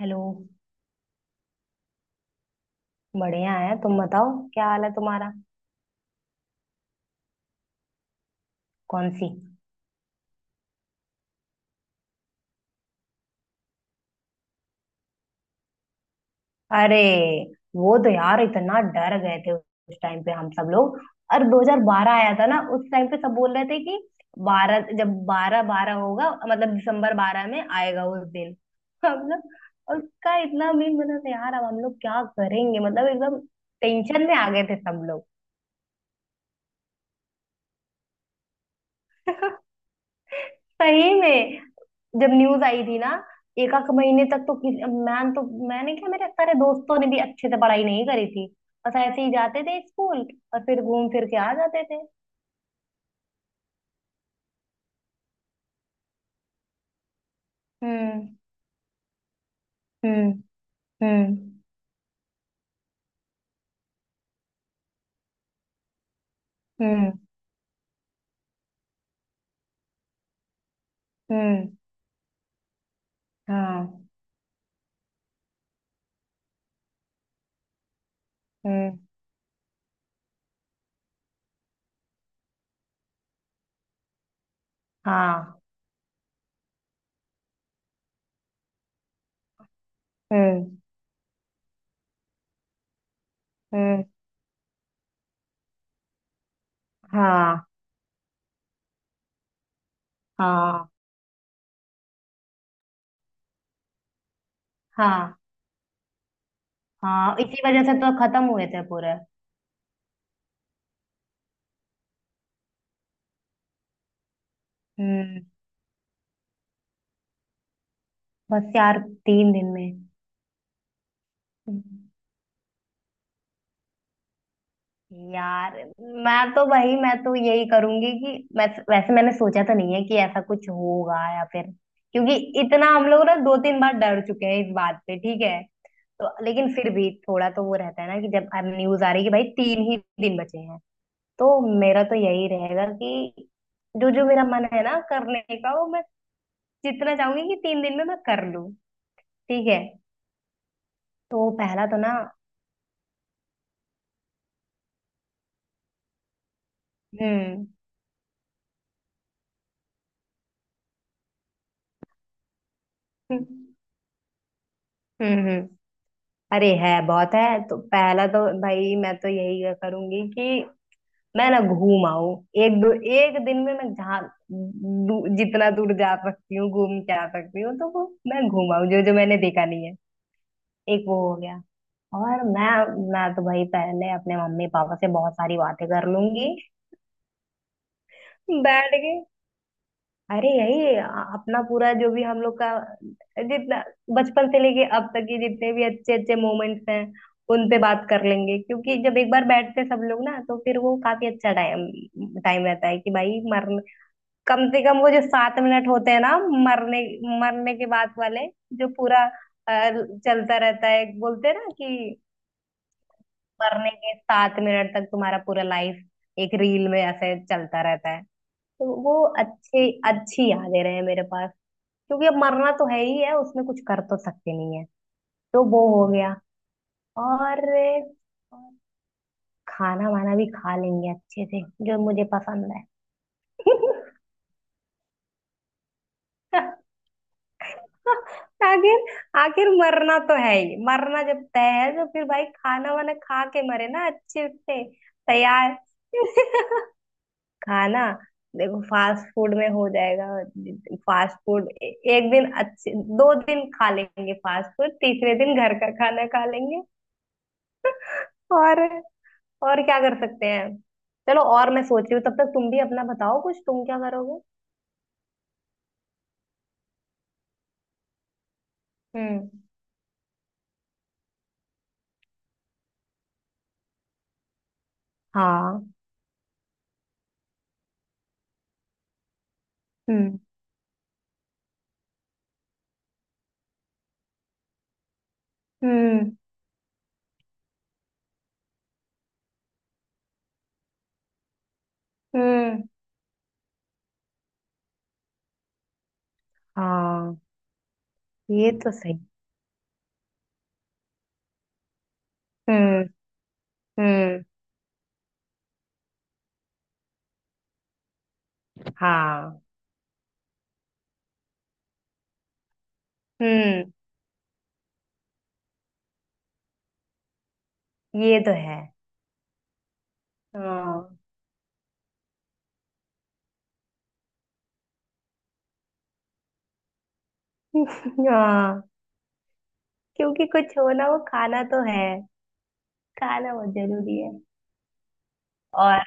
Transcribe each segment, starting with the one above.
Hello. बढ़िया है, तुम बताओ क्या हाल है तुम्हारा। कौन सी? अरे वो तो यार इतना डर गए थे उस टाइम पे हम सब लोग। और 2012 आया था ना, उस टाइम पे सब बोल रहे थे कि बारह जब बारह बारह होगा मतलब दिसंबर बारह में आएगा उस दिन। हम लोग उसका इतना मीन बना था यार, अब हम लोग क्या करेंगे मतलब एकदम टेंशन में आ गए थे सब लोग। सही में। जब न्यूज आई थी ना एक आध महीने तक तो किस मैं तो मैंने क्या, मेरे सारे दोस्तों ने भी अच्छे से पढ़ाई नहीं करी थी। बस ऐसे ही जाते थे स्कूल और फिर घूम फिर के आ जाते थे। हम्म। हम्म। हम्म। हम्म। हम्म। हाँ। हम्म। हाँ। हम्म। हम्म। हाँ। हाँ। हाँ। हाँ इसी वजह से तो खत्म हुए थे पूरे। हम्म। बस यार। तीन दिन में। यार, मैं तो भाई, मैं तो यही करूंगी कि मैं, वैसे मैंने सोचा तो नहीं है कि ऐसा कुछ होगा या फिर, क्योंकि इतना हम लोग ना दो तीन बार डर चुके हैं इस बात पे, ठीक है। तो लेकिन फिर भी थोड़ा तो वो रहता है ना कि जब न्यूज आ रही है कि भाई तीन ही दिन बचे हैं, तो मेरा तो यही रहेगा कि जो जो मेरा मन है ना करने का वो मैं जितना चाहूंगी कि तीन दिन में मैं कर लूं। ठीक है। तो पहला तो ना। हम्म। हम्म। हम्म। अरे है, बहुत है, तो पहला तो भाई मैं तो यही करूंगी कि मैं ना घूम आऊं। एक दो, एक दिन में मैं जहाँ जितना दूर जा सकती हूँ घूम के आ सकती हूँ तो वो मैं घूम आऊं, जो जो मैंने देखा नहीं है। एक वो हो गया। और मैं तो भाई पहले अपने मम्मी पापा से बहुत सारी बातें कर लूंगी बैठ के। अरे यही अपना पूरा जो भी हम लोग का, जितना बचपन से लेके अब तक के जितने भी अच्छे अच्छे मोमेंट्स हैं उन पे बात कर लेंगे, क्योंकि जब एक बार बैठते हैं सब लोग ना तो फिर वो काफी अच्छा टाइम टाइम रहता है कि भाई मरने, कम से कम वो जो सात मिनट होते हैं ना, मरने मरने के बाद वाले जो पूरा चलता रहता है, बोलते हैं ना कि मरने के सात मिनट तक तुम्हारा पूरा लाइफ एक रील में ऐसे चलता रहता है। तो वो अच्छे, अच्छी यादें रहे मेरे पास, क्योंकि अब मरना तो है ही है, उसमें कुछ कर तो सकते नहीं है। तो वो हो गया। और और खाना वाना भी खा लेंगे अच्छे से जो मुझे पसंद है। आखिर, आखिर मरना तो है ही, मरना जब तय है तो फिर भाई खाना वाना खा के मरे ना अच्छे से। तैयार। खाना। देखो फास्ट फूड में हो जाएगा। फास्ट फूड एक दिन अच्छे, दो दिन खा लेंगे फास्ट फूड, तीसरे दिन घर का खाना खा लेंगे। और और क्या कर सकते हैं। चलो, और मैं सोच रही हूँ तब तक तुम भी अपना बताओ, कुछ तुम क्या करोगे। हम्म। हाँ। हम्म। हम्म। हम्म। हाँ। ये तो सही। हम्म। हम्म। हाँ। हम्म। ये तो है। हाँ। हाँ, क्योंकि कुछ हो ना, वो खाना तो है। खाना बहुत जरूरी है। और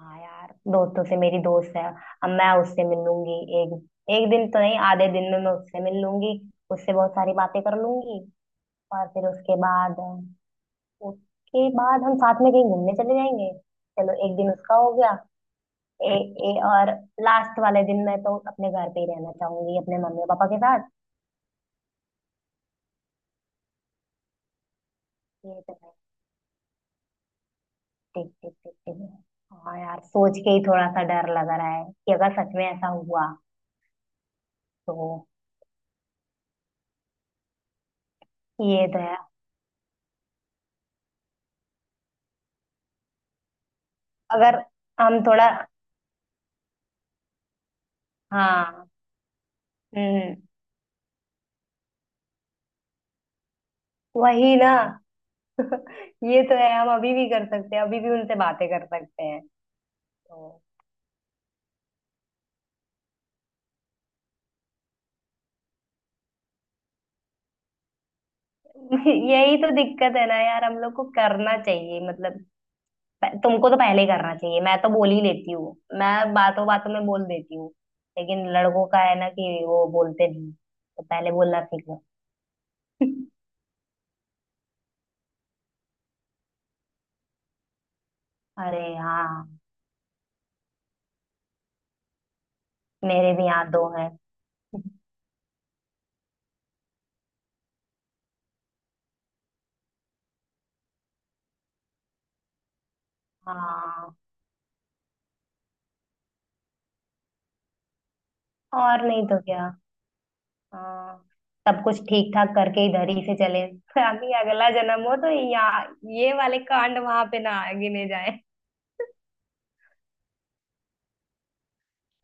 हाँ यार, दोस्तों से, मेरी दोस्त है, अब मैं उससे मिल लूंगी। एक एक दिन तो नहीं, आधे दिन में मैं उससे मिल लूंगी। उससे बहुत सारी बातें कर लूंगी और फिर उसके बाद हम साथ में कहीं घूमने चले जाएंगे। चलो एक दिन उसका हो गया। ए, ए, और लास्ट वाले दिन मैं तो अपने घर पे ही रहना चाहूंगी, अपने मम्मी पापा के साथ। ये तो है। टिक टिक टिक टिक। हाँ यार सोच के ही थोड़ा सा डर लग रहा है कि अगर सच में ऐसा हुआ तो। ये तो है। अगर हम थोड़ा। हाँ। हम्म। वही ना। ये तो है, हम अभी भी कर सकते हैं, अभी भी उनसे बातें कर सकते हैं। तो। यही तो दिक्कत है ना यार, हम लोग को करना चाहिए मतलब, तुमको तो पहले करना चाहिए, मैं तो बोल ही लेती हूँ, मैं बातों बातों में बोल देती हूँ, लेकिन लड़कों का है ना कि वो बोलते नहीं, तो पहले बोलना सीखो। अरे हाँ। मेरे भी यहाँ दो हैं। हाँ। और नहीं तो क्या। हाँ। सब कुछ ठीक ठाक करके इधर ही से चले, ताकि अगला जन्म हो तो यहाँ ये वाले कांड वहां पे ना गिने जाए।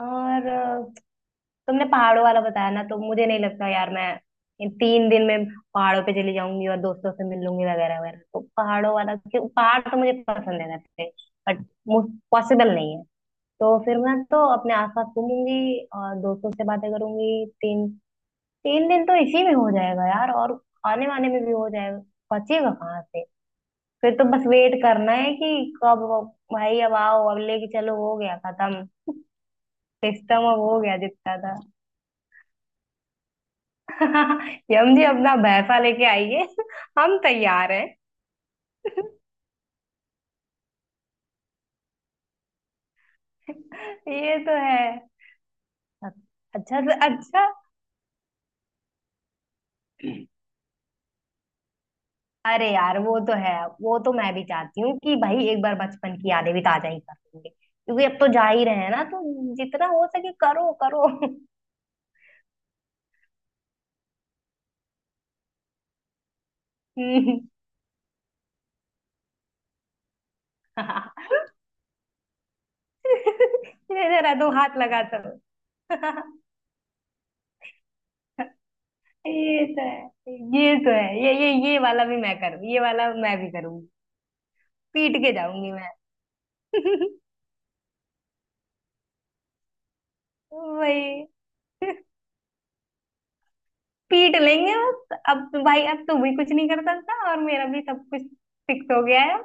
और तुमने पहाड़ों वाला बताया ना, तो मुझे नहीं लगता यार, मैं इन तीन दिन में पहाड़ों पे चली जाऊंगी और दोस्तों से मिल लूंगी वगैरह वगैरह, तो पहाड़ों वाला क्यों, पहाड़ तो मुझे पसंद है वैसे, बट पॉसिबल नहीं है। तो फिर मैं तो अपने आसपास घूमूंगी और दोस्तों से बातें करूंगी, तीन तीन दिन तो इसी में हो जाएगा यार, और आने वाने में भी हो जाएगा, बचेगा कहाँ से। फिर तो बस वेट करना है कि कब, भाई अब आओ, अब लेके चलो, हो गया खत्म सिस्टम, अब हो गया जितना था। यम जी, अपना भैंसा लेके आइए, हम तैयार हैं। ये तो है। अच्छा से अच्छा। अरे यार वो तो है, वो तो मैं भी चाहती हूँ कि भाई एक बार बचपन की यादें भी ताजा ही कर लेंगे, क्योंकि अब तो जा ही रहे हैं ना, तो जितना हो सके करो करो। हम्म। हाँ। जरा दो हाथ लगा, चलो। ये तो है, ये तो है, ये वाला भी मैं करूँ, ये वाला मैं भी करूंगी। पीट के जाऊंगी मैं। वही। पीट लेंगे बस, अब तो भाई अब तू भी कुछ नहीं कर सकता और मेरा भी सब कुछ फिक्स हो गया है।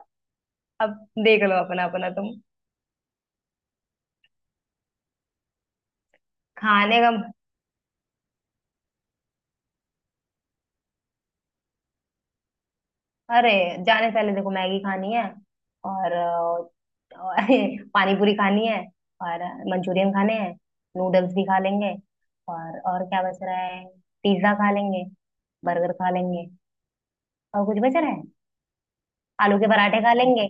अब देख लो अपना अपना तुम। खाने का। अरे, जाने से पहले देखो, मैगी खानी है और, और पानी पूरी खानी है। और मंचूरियन खाने हैं, नूडल्स भी खा लेंगे। और क्या बच रहा है। पिज्जा खा लेंगे, बर्गर खा लेंगे, और कुछ बच रहा है। आलू के पराठे खा लेंगे।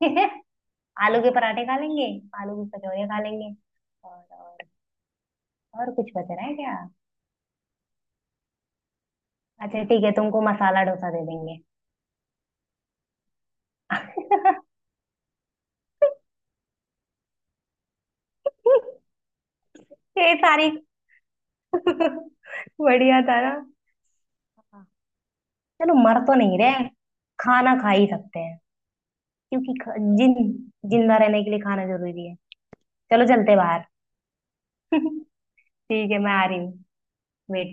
आलू के पराठे खा लेंगे, आलू की कचौड़ियाँ खा लेंगे। और और कुछ बच रहा है क्या। अच्छा ठीक है, तुमको मसाला डोसा दे देंगे। ये सारी। बढ़िया था ना। चलो, मर तो नहीं रहे, खाना खा ही सकते हैं, क्योंकि ख- जिन जिंदा रहने के लिए खाना जरूरी है। चलो चलते बाहर। ठीक है मैं आ रही हूँ। वेट।